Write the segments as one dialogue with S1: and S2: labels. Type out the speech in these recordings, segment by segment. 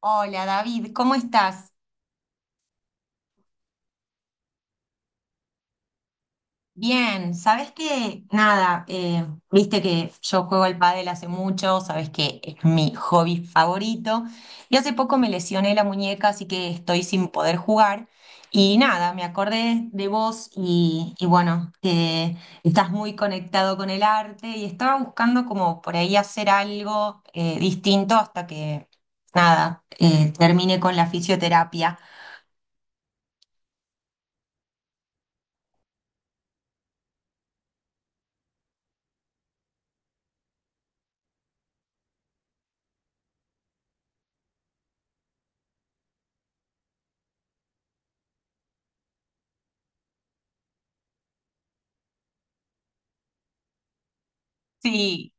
S1: Hola David, ¿cómo estás? Bien, ¿sabes que? Nada, viste que yo juego al pádel hace mucho, sabes que es mi hobby favorito y hace poco me lesioné la muñeca, así que estoy sin poder jugar y nada, me acordé de vos y bueno, que estás muy conectado con el arte y estaba buscando como por ahí hacer algo distinto hasta que, nada, termine con la fisioterapia. Sí.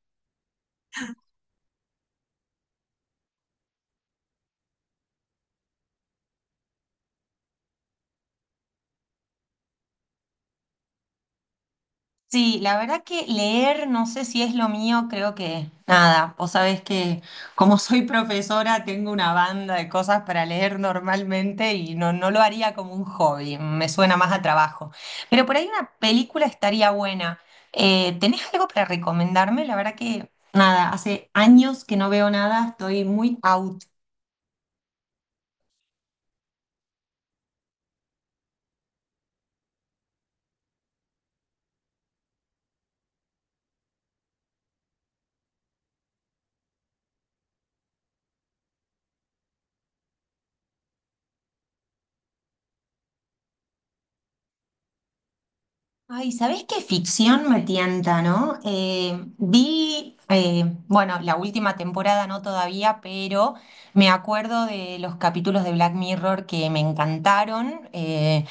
S1: Sí, la verdad que leer, no sé si es lo mío, creo que nada. Vos sabés que como soy profesora tengo una banda de cosas para leer normalmente y no lo haría como un hobby, me suena más a trabajo. Pero por ahí una película estaría buena. ¿Tenés algo para recomendarme? La verdad que nada, hace años que no veo nada, estoy muy out. Ay, ¿sabés qué? Ficción me tienta, ¿no? Bueno, la última temporada no todavía, pero me acuerdo de los capítulos de Black Mirror que me encantaron. Eh,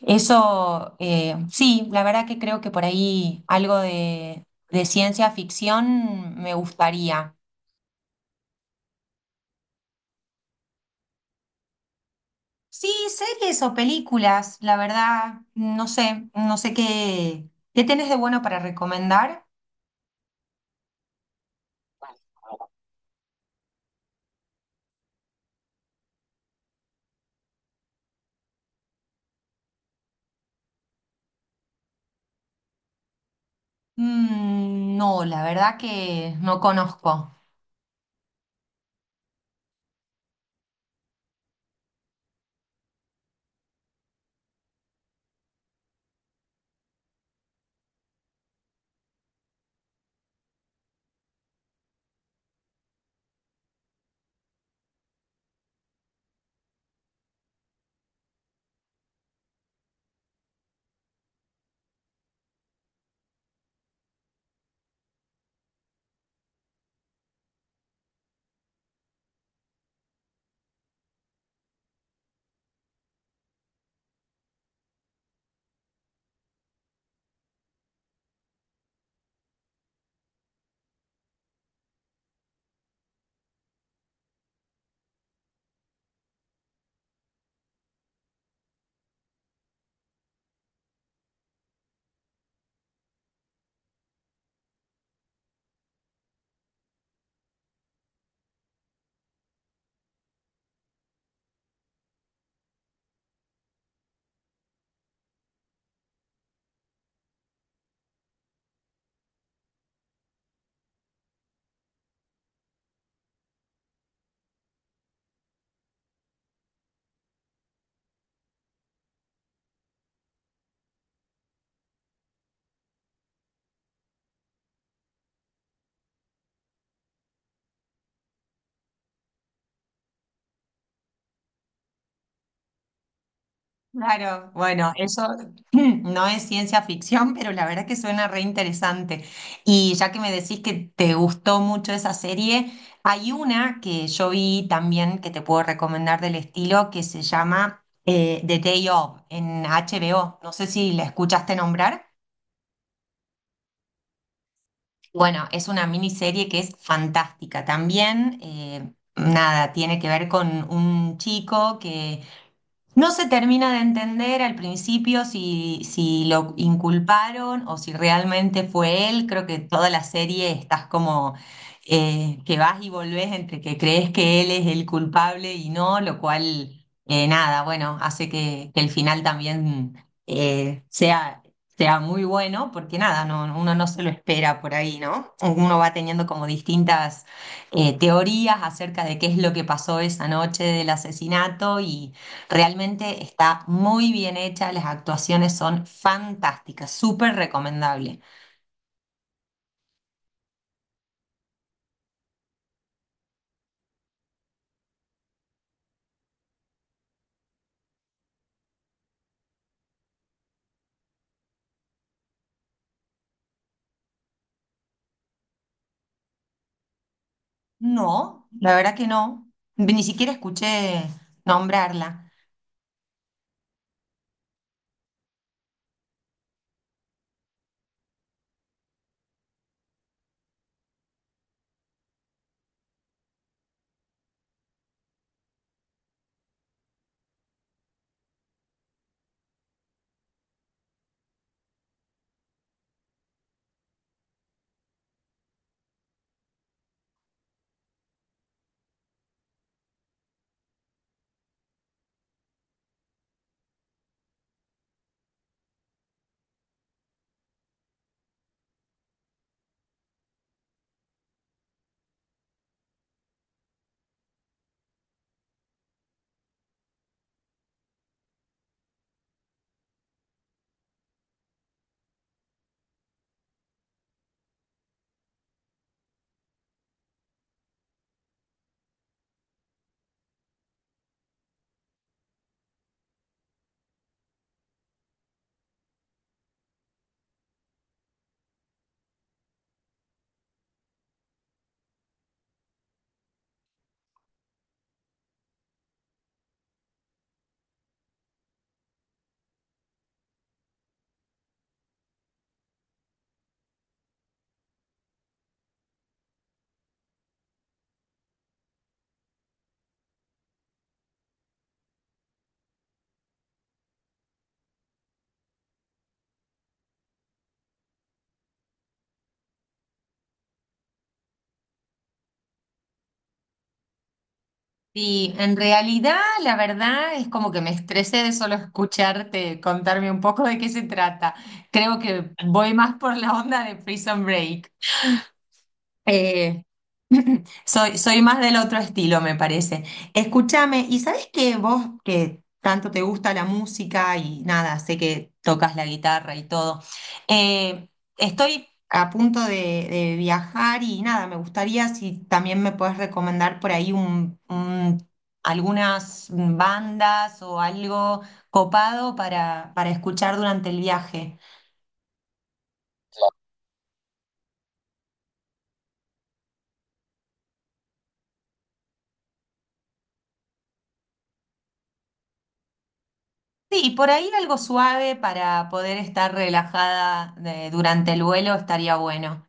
S1: eso, eh, Sí, la verdad que creo que por ahí algo de ciencia ficción me gustaría. Sí, series o películas, la verdad, no sé, no sé qué, qué tenés de bueno para recomendar. Mm, no, la verdad que no conozco. Claro, bueno, eso no es ciencia ficción, pero la verdad que suena re interesante. Y ya que me decís que te gustó mucho esa serie, hay una que yo vi también que te puedo recomendar del estilo, que se llama The Day Of, en HBO. No sé si la escuchaste nombrar. Bueno, es una miniserie que es fantástica también. Nada, tiene que ver con un chico que no se termina de entender al principio si, si lo inculparon o si realmente fue él. Creo que toda la serie estás como que vas y volvés entre que crees que él es el culpable y no, lo cual, nada, bueno, hace que el final también eh, sea, sea muy bueno, porque nada, no, uno no se lo espera por ahí, ¿no? Uno va teniendo como distintas teorías acerca de qué es lo que pasó esa noche del asesinato y... Realmente está muy bien hecha, las actuaciones son fantásticas, súper recomendable. No, la verdad que no, ni siquiera escuché nombrarla. Y en realidad, la verdad es como que me estresé de solo escucharte contarme un poco de qué se trata. Creo que voy más por la onda de Prison Break. Eh, soy más del otro estilo, me parece. Escúchame, ¿y sabes que vos que tanto te gusta la música y nada, sé que tocas la guitarra y todo? eh, Estoy a punto de viajar y nada, me gustaría si también me puedes recomendar por ahí algunas bandas o algo copado para escuchar durante el viaje. Sí, por ahí algo suave para poder estar relajada de- durante el vuelo estaría bueno.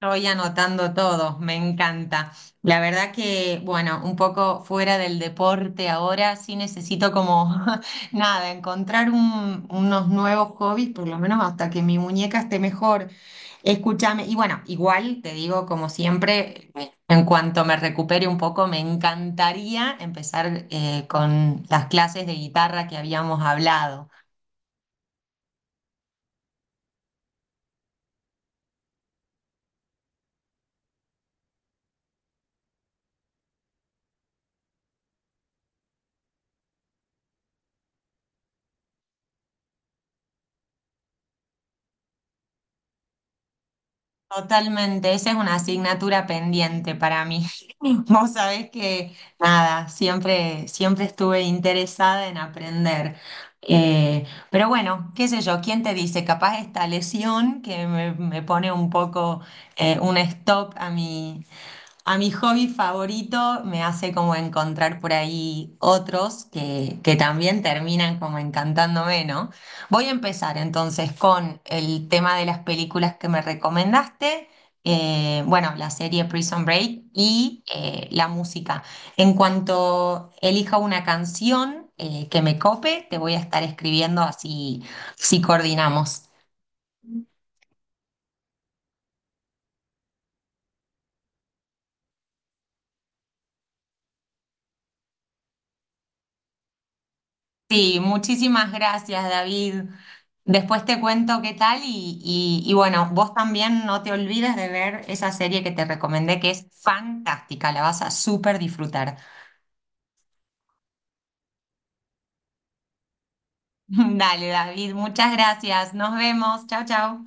S1: Estoy anotando todo, me encanta. La verdad que, bueno, un poco fuera del deporte ahora, sí necesito como, nada, encontrar unos nuevos hobbies, por lo menos hasta que mi muñeca esté mejor. Escúchame, y bueno, igual te digo, como siempre, en cuanto me recupere un poco, me encantaría empezar con las clases de guitarra que habíamos hablado. Totalmente, esa es una asignatura pendiente para mí. Vos sabés que, nada, siempre, siempre estuve interesada en aprender. Pero bueno, qué sé yo, ¿quién te dice? Capaz esta lesión que me pone un poco un stop a a mi hobby favorito me hace como encontrar por ahí otros que también terminan como encantándome, ¿no? Voy a empezar entonces con el tema de las películas que me recomendaste, bueno, la serie Prison Break y la música. En cuanto elija una canción que me cope, te voy a estar escribiendo, así, si coordinamos. Sí, muchísimas gracias, David. Después te cuento qué tal y bueno, vos también no te olvides de ver esa serie que te recomendé que es fantástica, la vas a súper disfrutar. Dale, David, muchas gracias. Nos vemos. Chao, chao.